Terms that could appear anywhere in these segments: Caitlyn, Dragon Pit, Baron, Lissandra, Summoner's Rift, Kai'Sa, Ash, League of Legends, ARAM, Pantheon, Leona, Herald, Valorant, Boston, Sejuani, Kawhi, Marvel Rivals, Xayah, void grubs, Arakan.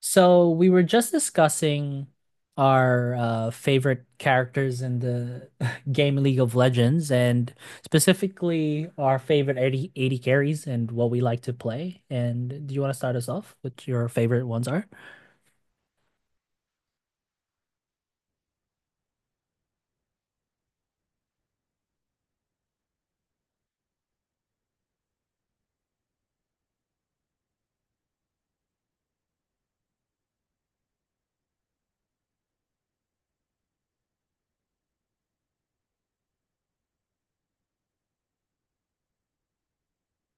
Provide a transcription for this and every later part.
So we were just discussing our favorite characters in the game League of Legends, and specifically our favorite eighty carries and what we like to play. And do you want to start us off? What your favorite ones are?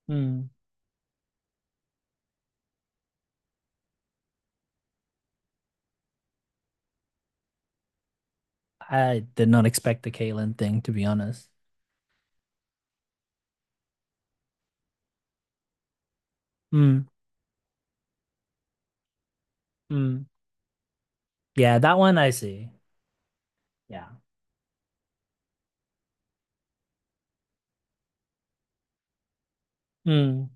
Hmm. I did not expect the Caitlyn thing, to be honest. Mm, mm. Yeah, that one I see. Yeah. Mm,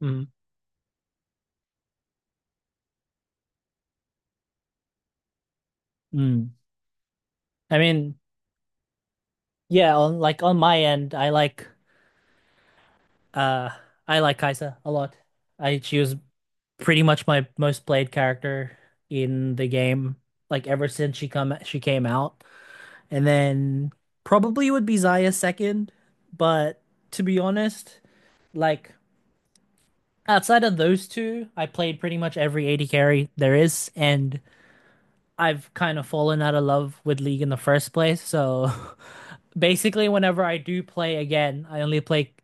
mm, mm. I mean, yeah, on, like on my end, Uh, I like Kai'Sa a lot. I she was pretty much my most played character in the game, like ever since she came out. And then probably would be Xayah second, but to be honest, like outside of those two, I played pretty much every AD carry there is, and I've kind of fallen out of love with League in the first place, so basically whenever I do play again, I only play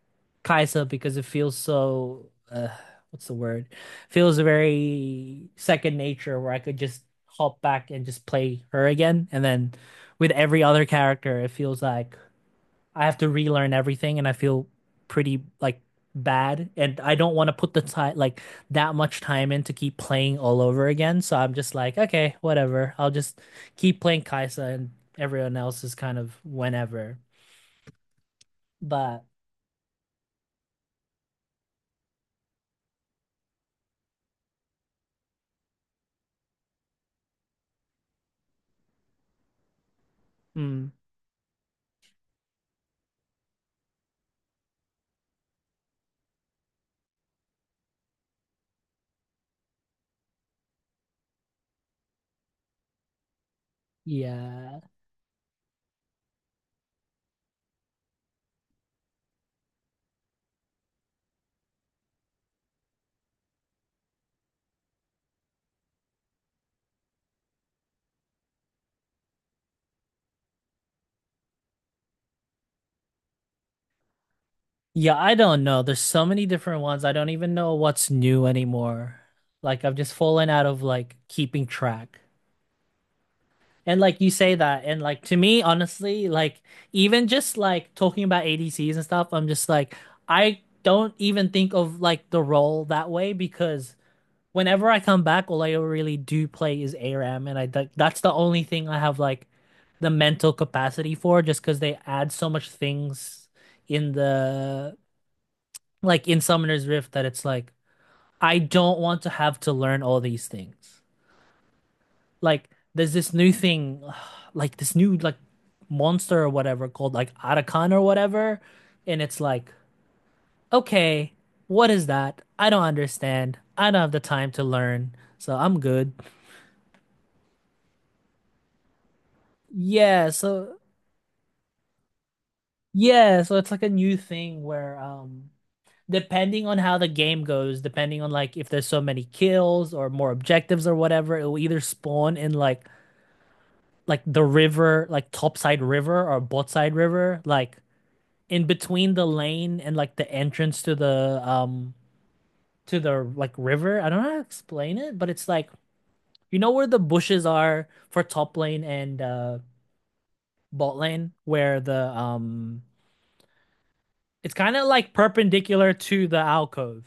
Kai'Sa because it feels so, what's the word? Feels very second nature where I could just hop back and just play her again. And then with every other character, it feels like I have to relearn everything and I feel pretty, like, bad, and I don't want to put the time like that much time in to keep playing all over again. So I'm just like, okay, whatever. I'll just keep playing Kai'Sa and everyone else is kind of whenever. But mm, yeah. Yeah, I don't know. There's so many different ones. I don't even know what's new anymore. Like I've just fallen out of, like, keeping track. And like you say that, and like to me, honestly, like even just like talking about ADCs and stuff, I'm just like I don't even think of like the role that way because whenever I come back, all I really do play is ARAM, and that's the only thing I have like the mental capacity for, just because they add so much things in the like in Summoner's Rift that it's like I don't want to have to learn all these things. Like there's this new thing, like this new like monster or whatever called like Arakan or whatever, and it's like okay, what is that? I don't understand. I don't have the time to learn, so I'm good. Yeah, so yeah, so it's like a new thing where depending on how the game goes, depending on like if there's so many kills or more objectives or whatever, it will either spawn in like the river, like topside river or bot side river, like in between the lane and like the entrance to the, to the, like, river. I don't know how to explain it, but it's like you know where the bushes are for top lane and bot lane where the It's kind of like perpendicular to the alcove,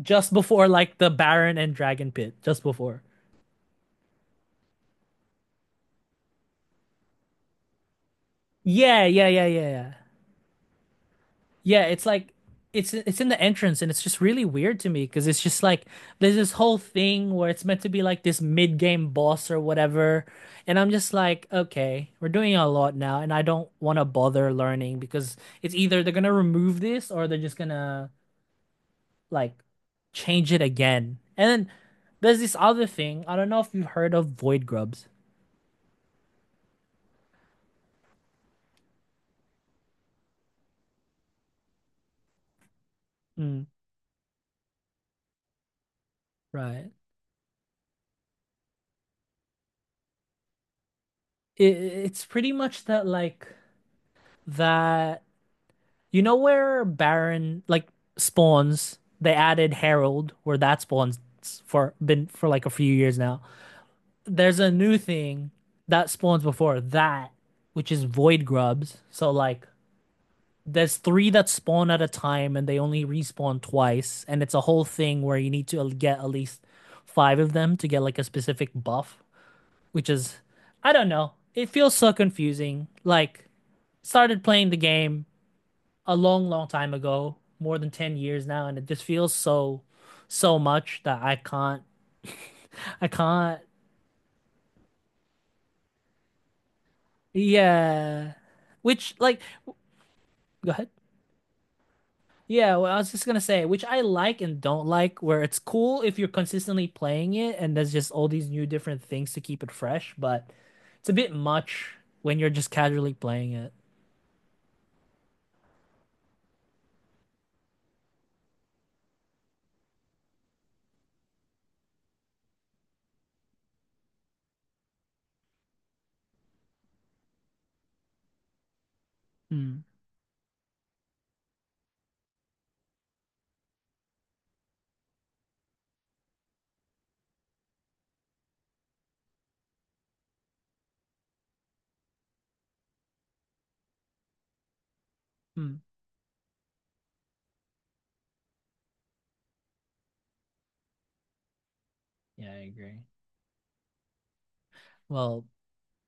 just before like the Baron and Dragon Pit, just before. Yeah, yeah, yeah, yeah, yeah. Yeah, it's like it's in the entrance and it's just really weird to me because it's just like there's this whole thing where it's meant to be like this mid-game boss or whatever, and I'm just like okay, we're doing a lot now, and I don't want to bother learning because it's either they're gonna remove this or they're just gonna, like, change it again. And then there's this other thing. I don't know if you've heard of void grubs. Mm. Right? It's pretty much that, like, that you know where Baron like spawns, they added Herald where that spawns for like a few years now. There's a new thing that spawns before that, which is void grubs. So like there's three that spawn at a time and they only respawn twice, and it's a whole thing where you need to get at least five of them to get like a specific buff, which is, I don't know. It feels so confusing. Like started playing the game a long, long time ago, more than 10 years now, and it just feels so much that I can't, I can't. Yeah. Which, like, go ahead. Yeah, well, I was just gonna say, which I like and don't like, where it's cool if you're consistently playing it and there's just all these new different things to keep it fresh, but it's a bit much when you're just casually playing it. Mm, mm. Yeah, I agree. Well,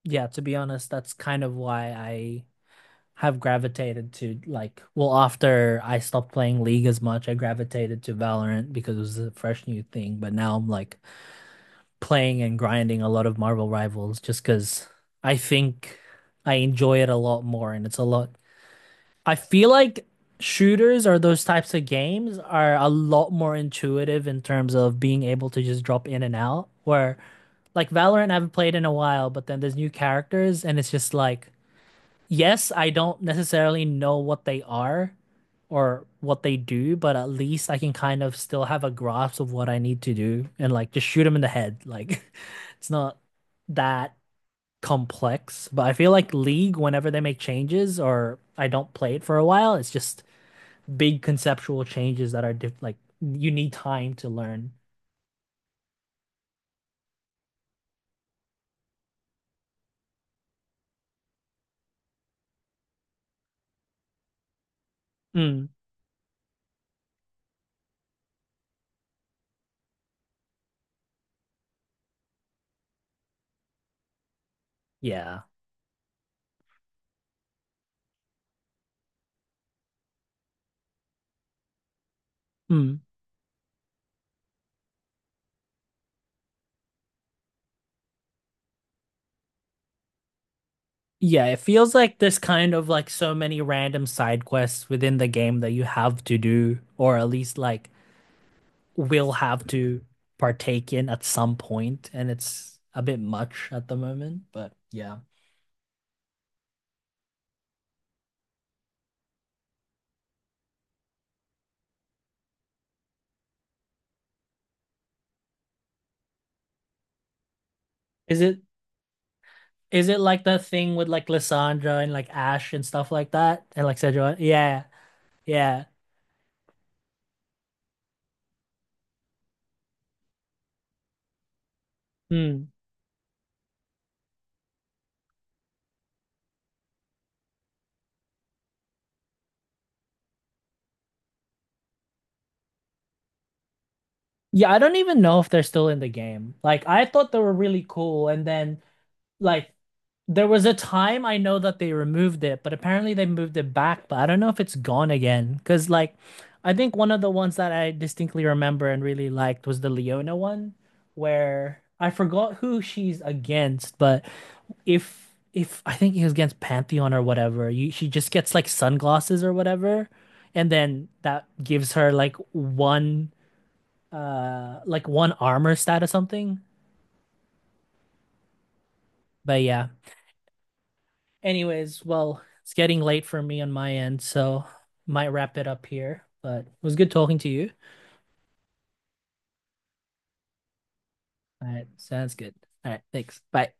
yeah, to be honest, that's kind of why I have gravitated to like, well, after I stopped playing League as much, I gravitated to Valorant because it was a fresh new thing, but now I'm like playing and grinding a lot of Marvel Rivals just because I think I enjoy it a lot more and it's a lot. I feel like shooters or those types of games are a lot more intuitive in terms of being able to just drop in and out. Where like Valorant, I haven't played in a while, but then there's new characters and it's just like, yes, I don't necessarily know what they are or what they do, but at least I can kind of still have a grasp of what I need to do and like just shoot them in the head. Like, it's not that complex, but I feel like League, whenever they make changes or I don't play it for a while, it's just big conceptual changes that are diff like you need time to learn. Mm. Yeah. Mm. Yeah, it feels like there's kind of like so many random side quests within the game that you have to do, or at least, like, will have to partake in at some point, and it's a bit much at the moment, but yeah. Is it, like the thing with like Lissandra and like Ash and stuff like that? And like Sejuani? Yeah, yeah. Hmm. Yeah, I don't even know if they're still in the game. Like I thought they were really cool, and then, like, there was a time I know that they removed it, but apparently they moved it back, but I don't know if it's gone again. Because, like, I think one of the ones that I distinctly remember and really liked was the Leona one, where I forgot who she's against, but if if I think it was against Pantheon or whatever, she just gets like sunglasses or whatever, and then that gives her like one armor stat or something. But yeah. Anyways, well, it's getting late for me on my end, so might wrap it up here. But it was good talking to you. All right, sounds good. All right, thanks. Bye.